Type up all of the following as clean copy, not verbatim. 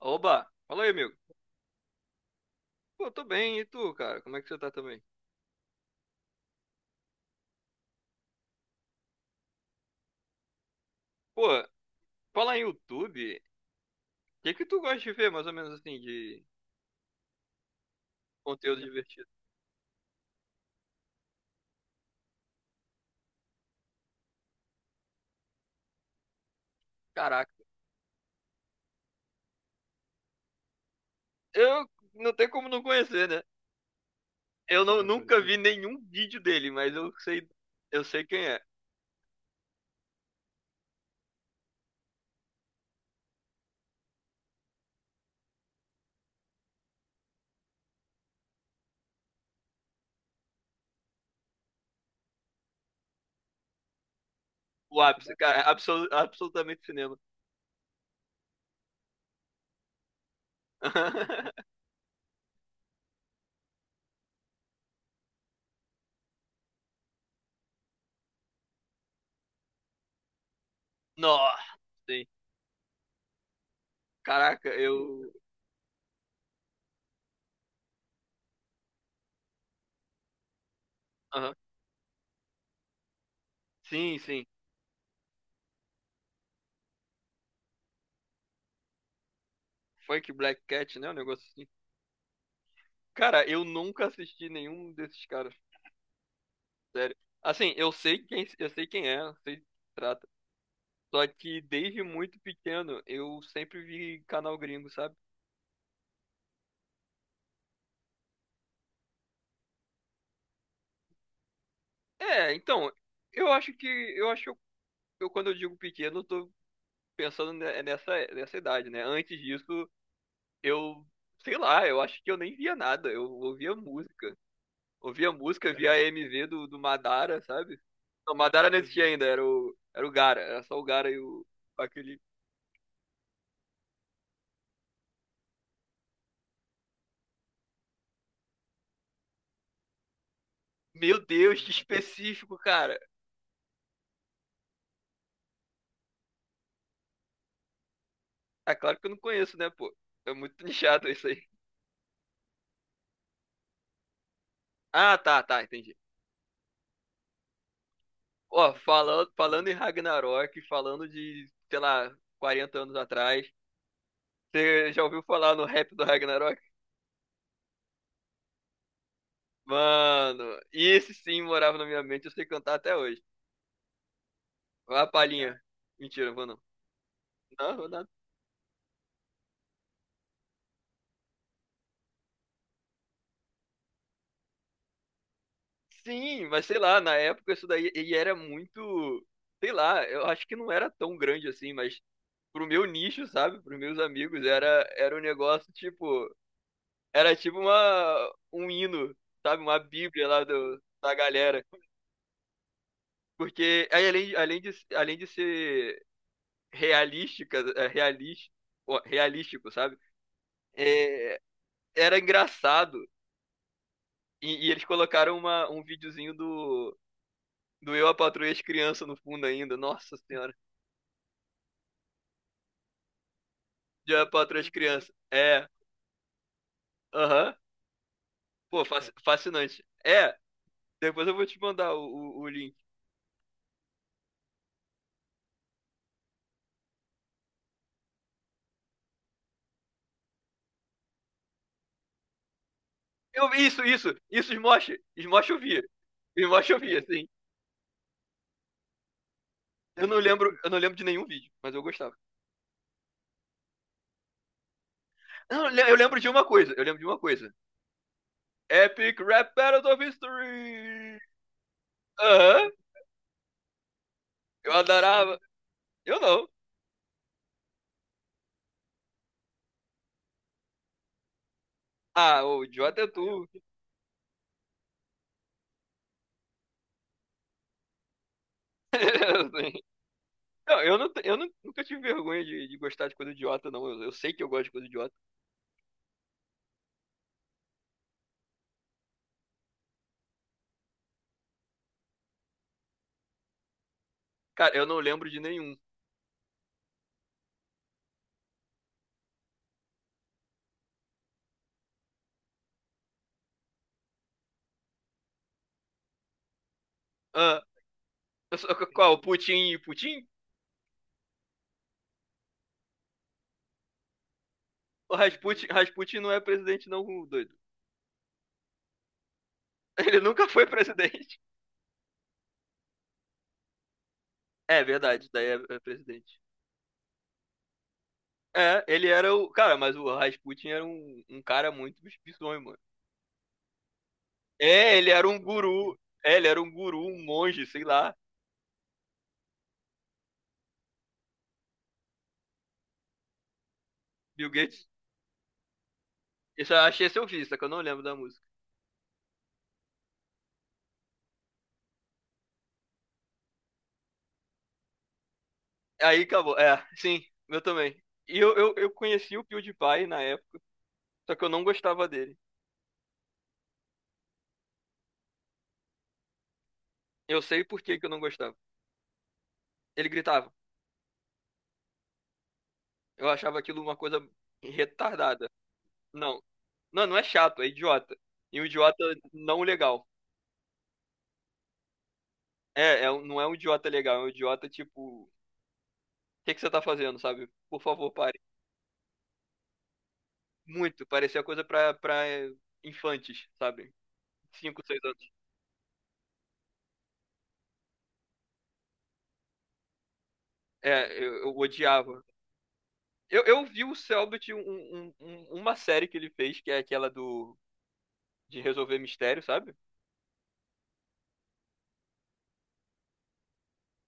Oba! Fala aí, amigo. Pô, tô bem, e tu, cara? Como é que você tá também? Pô, fala em YouTube. O que que tu gosta de ver, mais ou menos assim, de conteúdo divertido? Caraca, eu não tem como não conhecer, né? Eu não, nunca vi nenhum vídeo dele, mas eu sei quem é. O ápice, cara, absolutamente cinema. Nossa, sim. Caraca, eu. Aham. Sim, sim. Funk Black Cat, né? Um negócio assim. Cara, eu nunca assisti nenhum desses caras. Sério. Assim, eu sei quem é, eu sei do que se trata. Só que desde muito pequeno eu sempre vi canal gringo, sabe? É, então, eu acho que eu acho que eu, quando eu digo pequeno, eu tô pensando nessa idade, né? Antes disso, eu sei lá, eu acho que eu nem via nada, eu ouvia música. Ouvia música, via a MV do Madara, sabe? Não, Madara não existia ainda, era o Gaara, era só o Gaara e o aquele Meu Deus, que específico, cara. É claro que eu não conheço, né, pô? É muito nichado isso aí. Ah, tá, tá, entendi. Ó, falando em Ragnarok, falando de, sei lá, 40 anos atrás, você já ouviu falar no rap do Ragnarok? Mano, esse sim morava na minha mente, eu sei cantar até hoje. Vai a palhinha. Mentira, não vou não. Não, vou nada. Sim, mas sei lá, na época isso daí ele era muito, sei lá, eu acho que não era tão grande assim, mas pro meu nicho, sabe? Pros meus amigos era um negócio tipo Era tipo uma, um hino, sabe? Uma bíblia lá do, da galera. Porque aí, além de ser realística, é, realis- ó, realístico, sabe? É, era engraçado. E eles colocaram uma, um videozinho do Eu, a Patroa e as Crianças no fundo ainda. Nossa Senhora. De Eu, a Patroa e as Crianças. É, aham. Pô, fascinante. É, depois eu vou te mandar o link. Eu, isso, Smosh. Smosh eu vi. Smosh eu vi, assim. Eu não lembro de nenhum vídeo, mas eu gostava. Eu, não eu lembro de uma coisa, Epic Rap Battles of History! Aham, uhum, eu adorava. Eu não. Ah, o idiota é tu. Não, eu, não, eu não- nunca tive vergonha de gostar de coisa idiota, não. Eu sei que eu gosto de coisa idiota. Cara, eu não lembro de nenhum. Ah, qual? O Putin? Putin? O Rasputin, Rasputin não é presidente, não, doido. Ele nunca foi presidente. É verdade, daí é presidente. É, ele era o. Cara, mas o Rasputin era um cara muito bizonho, mano. É, ele era um guru. É, ele era um guru, um monge, sei lá. Bill Gates. Isso eu achei esse eu vi, só que eu não lembro da música. Aí acabou. É, sim, eu também. E eu conheci o PewDiePie na época, só que eu não gostava dele. Eu sei por que que eu não gostava. Ele gritava. Eu achava aquilo uma coisa retardada. Não. Não, não é chato, é idiota. E um idiota não legal. Não é um idiota legal, é um idiota tipo. Que você tá fazendo, sabe? Por favor, pare. Muito, parecia coisa pra, infantes, sabe? 5, 6 anos. É, eu odiava. Eu vi o Cellbit, uma série que ele fez, que é aquela do de resolver mistério, sabe?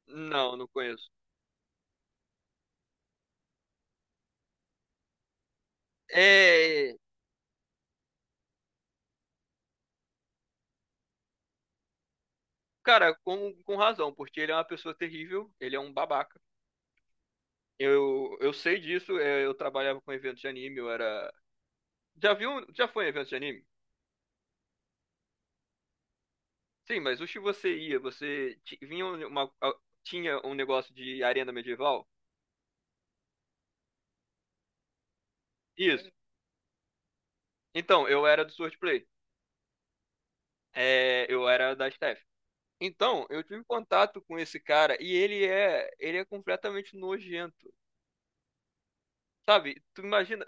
Não, não conheço. É, cara, com razão, porque ele é uma pessoa terrível, ele é um babaca. Eu sei disso, é, eu trabalhava com eventos de anime, eu era... Já viu, já foi em eventos de anime? Sim, mas o que você ia, vinha um, uma, tinha um negócio de arena medieval? Isso. Então, eu era do Swordplay. É, eu era da Steph. Então, eu tive contato com esse cara e ele é completamente nojento. Sabe? Tu imagina,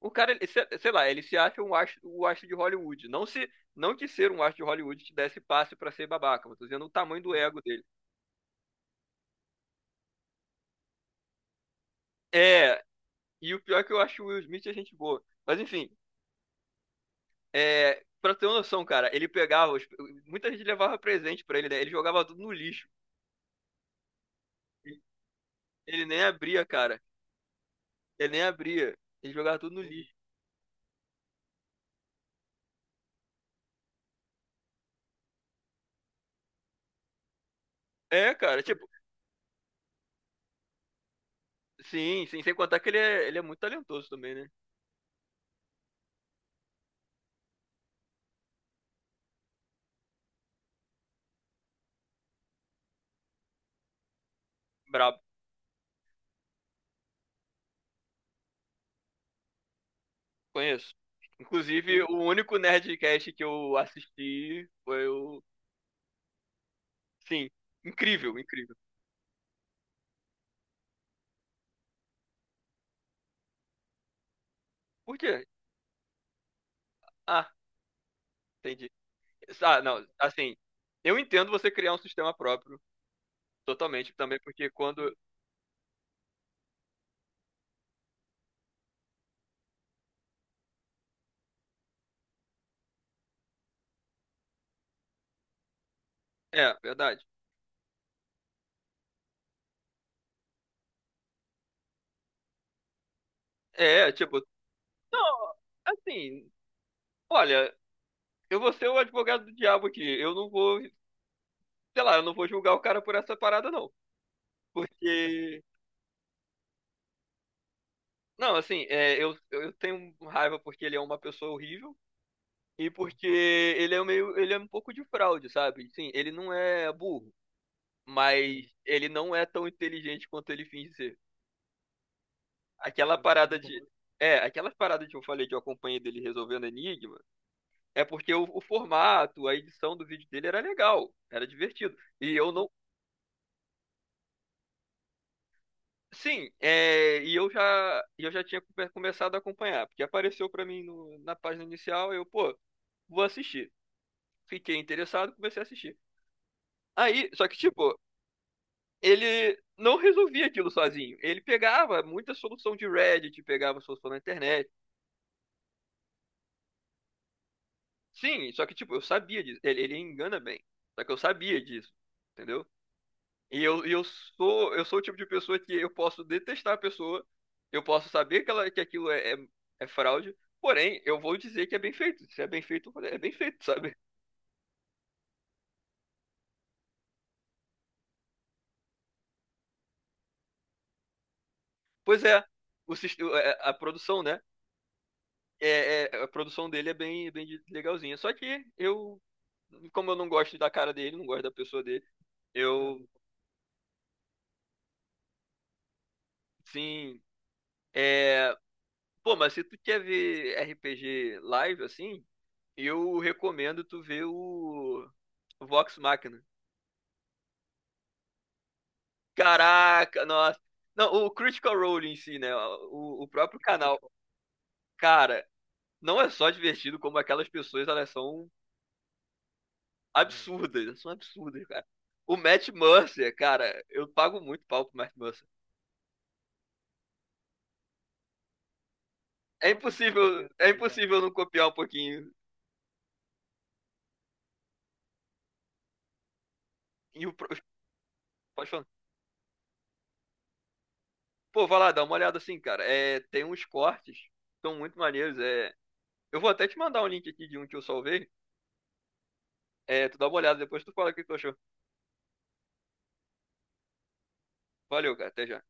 o cara, ele se- sei lá, ele se acha um astro, o astro de Hollywood. Não que ser um astro de Hollywood te desse passe pra ser babaca, mas tô dizendo o tamanho do ego dele. É, e o pior é que eu acho o Will Smith é gente boa. Mas enfim, é, pra ter uma noção, cara, ele pegava. Muita gente levava presente pra ele, né? Ele jogava tudo no lixo. Ele nem abria, cara. Ele nem abria. Ele jogava tudo no lixo. É, cara, tipo, sim, sim, sem contar que ele é muito talentoso também, né? Brabo, conheço. Inclusive, o único Nerdcast que eu assisti foi o. Sim, incrível, incrível. Por quê? Ah, entendi. Ah, não, assim, eu entendo você criar um sistema próprio, totalmente, também, porque quando. É, verdade. É, tipo, não, assim, olha, eu vou ser o advogado do diabo aqui. Eu não vou, sei lá, eu não vou julgar o cara por essa parada, não. Porque, não, assim, é, eu tenho raiva porque ele é uma pessoa horrível e porque ele é meio, ele é um pouco de fraude, sabe? Sim, ele não é burro, mas ele não é tão inteligente quanto ele finge ser. Aquela parada de. É, aquela parada que eu falei que eu acompanhei dele resolvendo enigma, é porque o formato, a edição do vídeo dele era legal, era divertido. E eu não sim, é, e eu já tinha começado a acompanhar, porque apareceu pra mim na página inicial, eu, pô, vou assistir. Fiquei interessado, comecei a assistir. Aí, só que, tipo, ele não resolvia aquilo sozinho. Ele pegava muita solução de Reddit, pegava solução na internet. Sim, só que, tipo, eu sabia disso. Ele engana bem. Só que eu sabia disso, entendeu? E eu sou, o tipo de pessoa que eu posso detestar a pessoa, eu posso saber que, ela, que aquilo é fraude, porém, eu vou dizer que é bem feito. Se é bem feito, é bem feito, sabe? Pois é, é, a produção, né? A produção dele é bem, bem legalzinha. Só que eu, como eu não gosto da cara dele, não gosto da pessoa dele, eu, sim, é... Pô, mas se tu quer ver RPG live, assim, eu recomendo tu ver o Vox Machina. Caraca, nossa. Não, o Critical Role em si, né? O próprio canal. Cara, não é só divertido, como aquelas pessoas, elas são absurdas. Elas são absurdas, cara. O Matt Mercer, cara, eu pago muito pau pro Matt Mercer. É impossível não copiar um pouquinho. E pode falar. Pô, vai lá, dá uma olhada assim, cara. É, tem uns cortes, são muito maneiros. É, eu vou até te mandar um link aqui de um que eu salvei. É, tu dá uma olhada, depois tu fala o que tu achou. Valeu, cara, até já.